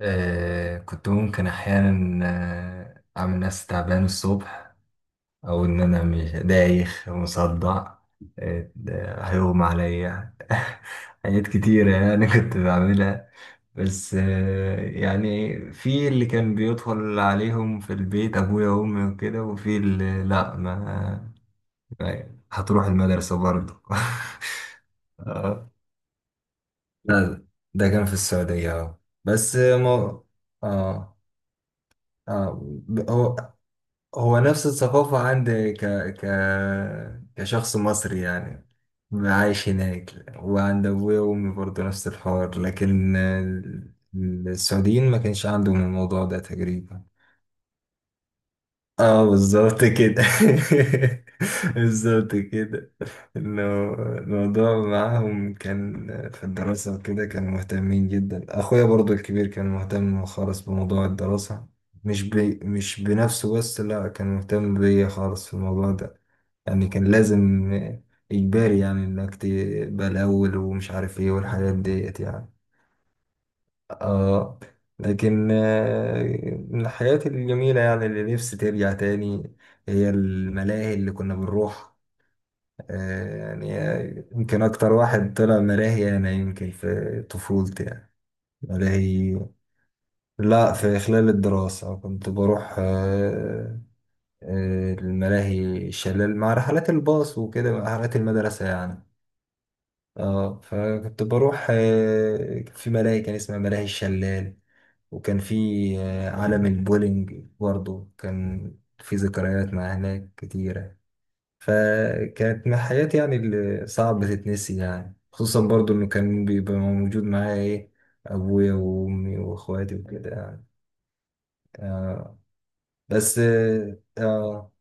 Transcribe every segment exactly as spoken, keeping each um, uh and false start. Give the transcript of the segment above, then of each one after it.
آه، كنت ممكن أحيانا، آه أعمل نفسي تعبان الصبح، أو إن أنا مش دايخ مصدع، آه، ده هيغمى عليا. حاجات كتيرة يعني كنت بعملها. بس آه يعني في اللي كان بيدخل عليهم في البيت، أبويا وأمي وكده، وفي اللي لأ، ما ما- هتروح المدرسة برضه. آه، لا، ده كان في السعودية، اه. بس آه، ما، اه، اه. هو هو نفس الثقافة عندي، ك... ك... كشخص مصري يعني، عايش هناك. وعند أبويا وأمي برضه نفس الحوار، لكن ال- السعوديين ما كانش عندهم الموضوع ده تقريبا. اه، بالظبط كده. بالظبط كده. انه الموضوع معاهم كان في الدراسة وكده، كانوا مهتمين جدا. اخويا برضو الكبير كان مهتم خالص بموضوع الدراسة، مش بي مش بنفسه بس، لا، كان مهتم بيا خالص في الموضوع ده. يعني كان لازم، اجباري يعني، انك تبقى الاول ومش عارف ايه، والحاجات ديت يعني. اه. لكن آه، من الحاجات الجميلة يعني اللي نفسي ترجع تاني، هي الملاهي اللي كنا بنروح. آه، يعني، آه، يمكن أكتر واحد طلع ملاهي أنا يمكن في طفولتي يعني. ملاهي. لا، في خلال الدراسة كنت بروح، آه، آه، الملاهي، شلال، مع رحلات الباص وكده، مع رحلات المدرسة يعني. اه. فكنت بروح، آه، كان في ملاهي كان اسمها ملاهي الشلال، وكان في آه، عالم البولينج برضه. كان في ذكريات مع هناك كتيرة، فكانت من حياتي يعني اللي صعب تتنسي يعني، خصوصا برضه انه كان بيبقى موجود معايا ايه، ابويا وامي واخواتي وكده يعني. آه. بس اه. آه،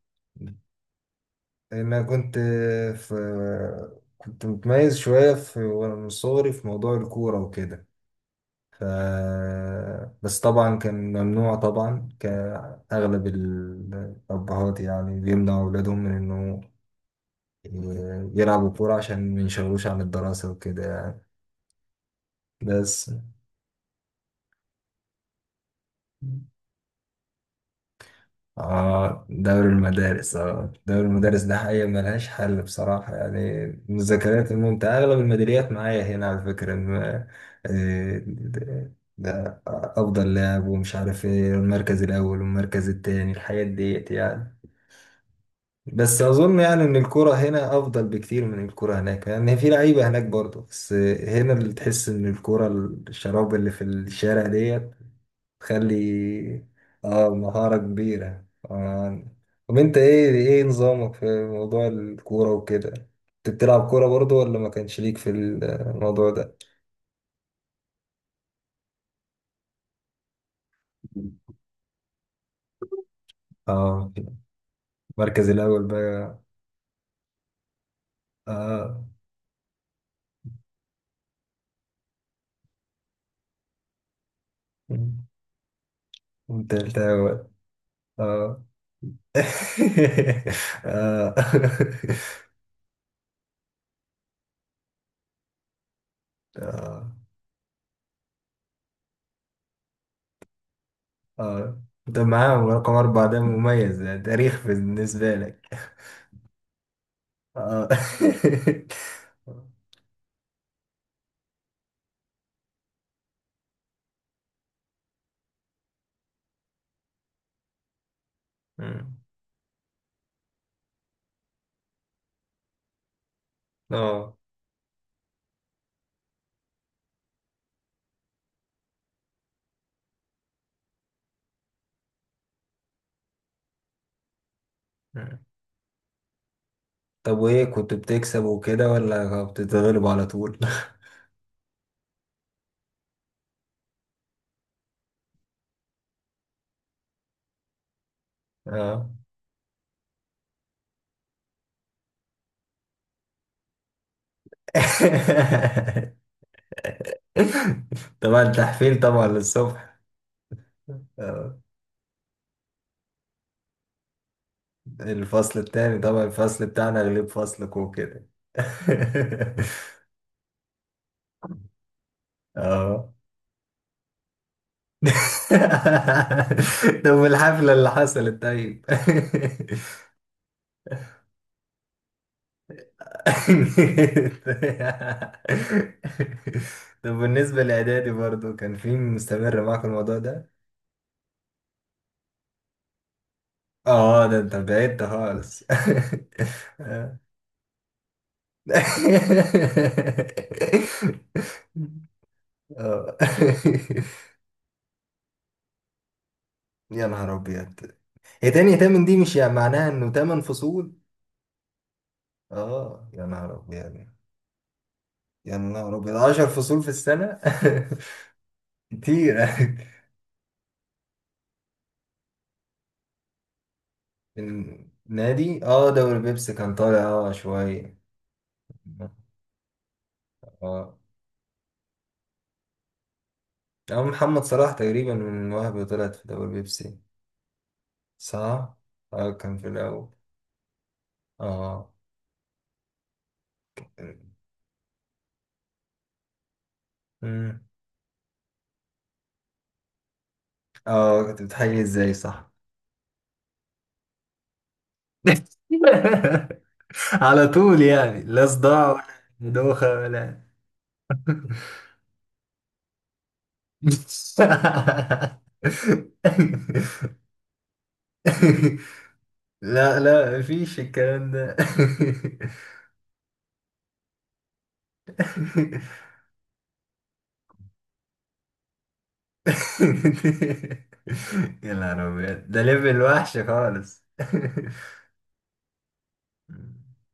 انا كنت في كنت متميز شوية، في وانا من صغري في موضوع الكورة وكده. ف بس طبعا كان ممنوع طبعا، كأغلب الأبهات يعني بيمنعوا أولادهم من إنه يلعبوا كورة عشان ما ينشغلوش عن الدراسة وكده يعني. بس اه، دوري المدارس اه دوري المدارس ده حقيقة ملهاش حل بصراحة، يعني من الذكريات الممتعة، أغلب الميداليات معايا هنا على فكرة، إن آه، ده ده أفضل لاعب ومش عارف إيه، المركز الأول والمركز التاني، الحاجات ديت يعني. بس اظن يعني ان الكرة هنا افضل بكتير من الكرة هناك، لان في لعيبة هناك برضه، بس هنا اللي تحس ان الكرة، الشراب اللي في الشارع ديت، تخلي اه مهارة كبيرة. آه. طب انت، ايه ايه نظامك في موضوع الكورة وكده؟ انت بتلعب كورة برضه ولا ما كانش ليك في الموضوع ده؟ اه، المركز الاول بقى. اه، والتالت اول. اه. اه. آه. اه، ده معاهم رقم أربعة، ده مميز، ده تاريخ بالنسبة لك. اه. مم. اه. مم. طب وإيه، كنت بتكسب وكده ولا بتتغلب على طول؟ اه. طبعا تحفيل طبعا للصبح. آه. الفصل التاني طبعا، الفصل بتاعنا غلب فصلك وكده. اه. طب الحفلة اللي حصلت طيب. طب بالنسبة لإعدادي برضو، كان في مستمر معاك الموضوع ده؟ اه، ده انت بعدت خالص. اه. آه. يا نهار أبيض، هي تاني تمن دي مش يعني معناها إنه تمن فصول؟ اه، يا نهار أبيض، يا نهار أبيض، عشر فصول في السنة. كتير. النادي، اه دوري بيبسي كان طالع اه شوية. اه، أو محمد صلاح تقريبا من وهب طلعت في دوري بيبسي، صح؟ اه، كان في الأول. اه. أمم. اه، كنت بتحيي ازاي، صح؟ على طول يعني، لا صداع. آه. ولا دوخة ولا. لا، لا، مفيش الكلام ده. يا نهار أبيض، ده ليفل وحش خالص.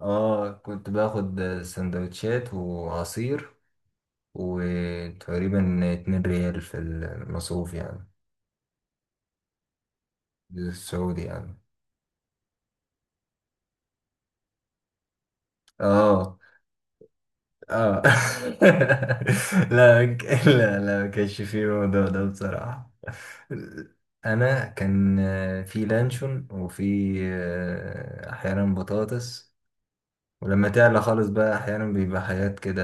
اه، كنت باخد سندوتشات وعصير، وتقريبا اتنين ريال في المصروف يعني السعودي يعني. اه، اه. لا، ك- لا، لا، ما كانش فيه الموضوع ده بصراحة. انا كان في لانشون، وفي آه، احيانا بطاطس. ولما تعلى خالص بقى احيانا بيبقى حاجات كده،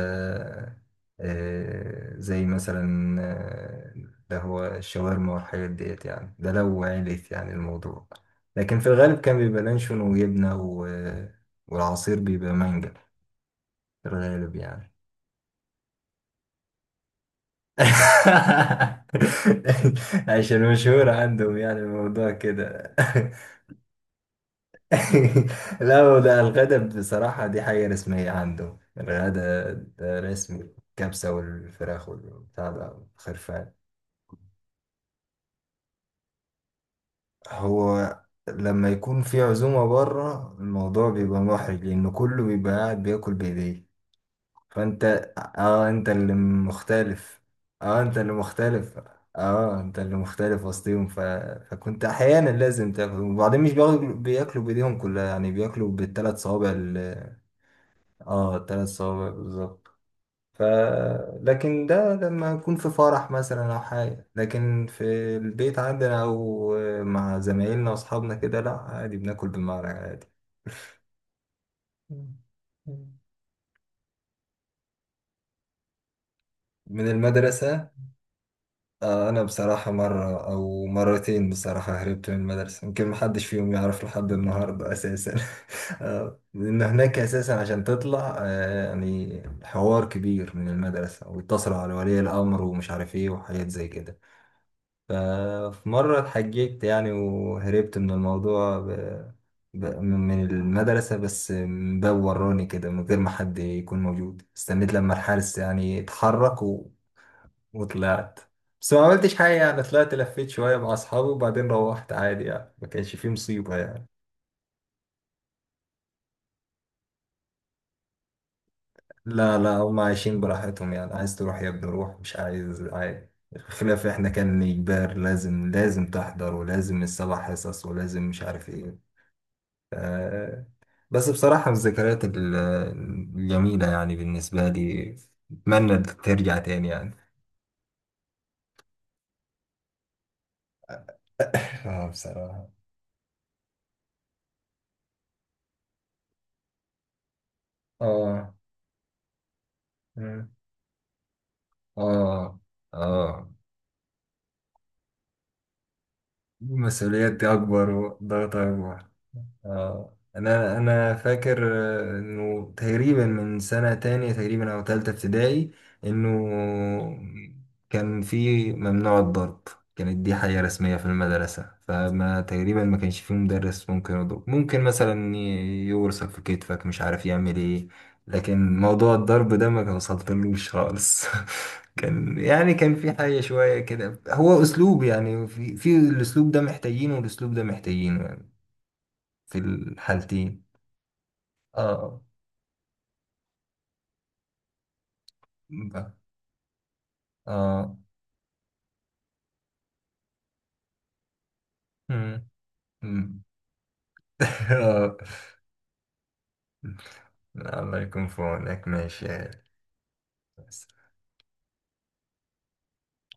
آه، زي مثلا آه، ده هو الشاورما والحاجات ديت يعني، ده لو عليت يعني الموضوع. لكن في الغالب كان بيبقى لانشون وجبنة و... والعصير بيبقى مانجا في الغالب يعني. عشان مشهور عندهم يعني الموضوع كده. لا، هو ده الغدا بصراحة، دي حاجة رسمية عنده الغدا، ده رسمي. الكبسة والفراخ والبتاع ده، خرفان. هو لما يكون في عزومة بره، الموضوع بيبقى محرج، لأن كله بيبقى قاعد بياكل بإيديه. فأنت، اه أنت اللي مختلف، اه أنت اللي مختلف، اه أنت اللي مختلف وسطيهم. ف... فكنت أحيانا لازم تاكل، وبعدين مش بياكلوا بياكلوا بإيديهم كلها يعني، بياكلوا بالثلاث صوابع. اه، تلات صوابع بالظبط. ف لكن ده لما اكون في فرح مثلا او حاجه، لكن في البيت عندنا، او مع زمايلنا واصحابنا كده، لا عادي، بناكل بالمعلقه عادي. مم. مم. من المدرسه؟ آه، انا بصراحه، مره او مرتين بصراحه هربت من المدرسه، يمكن محدش فيهم يعرف لحد النهارده اساسا. آه لان هناك اساسا، عشان تطلع آه يعني حوار كبير من المدرسه، ويتصلوا على ولي الامر ومش عارف ايه، وحاجات زي كده. ففي مرة اتحججت يعني، وهربت من الموضوع، ب... ب... من المدرسة، بس من باب وراني كده من غير ما حد يكون موجود. استنيت لما الحارس يعني اتحرك و... وطلعت. بس ما عملتش حاجة يعني، طلعت لفيت شوية مع أصحابي وبعدين روحت عادي يعني، ما كانش فيه مصيبة يعني. لا، لا، هم عايشين براحتهم يعني، عايز تروح يا ابني روح، مش عايز عادي. خلاف احنا كان إجبار، لازم، لازم تحضر، ولازم السبع حصص، ولازم مش عارف ايه. آه، بس بصراحة من الذكريات ال- الجميلة يعني بالنسبة لي، أتمنى ترجع تاني يعني. اه، بصراحة. اه. مم. اه، اه. المسؤوليات دي أكبر والضغط أكبر. اه، انا انا فاكر آه، انه تقريبا من سنة تانية تقريبا او تالتة ابتدائي، انه كان في ممنوع الضرب، كانت دي حاجة رسمية في المدرسة، فما تقريبا ما كانش في مدرس ممكن يضرب، ممكن مثلا ي- يورسك في كتفك، مش عارف يعمل ايه. لكن موضوع الضرب ده ما كان وصلتلوش خالص. كان يعني كان في حاجة شوية كده، هو أسلوب يعني، في في الأسلوب ده محتاجينه، والأسلوب ده محتاجينه يعني. في الحالتين. اه، ب- اه. مم. مم. آه. الله يكون في عونك، ماشي.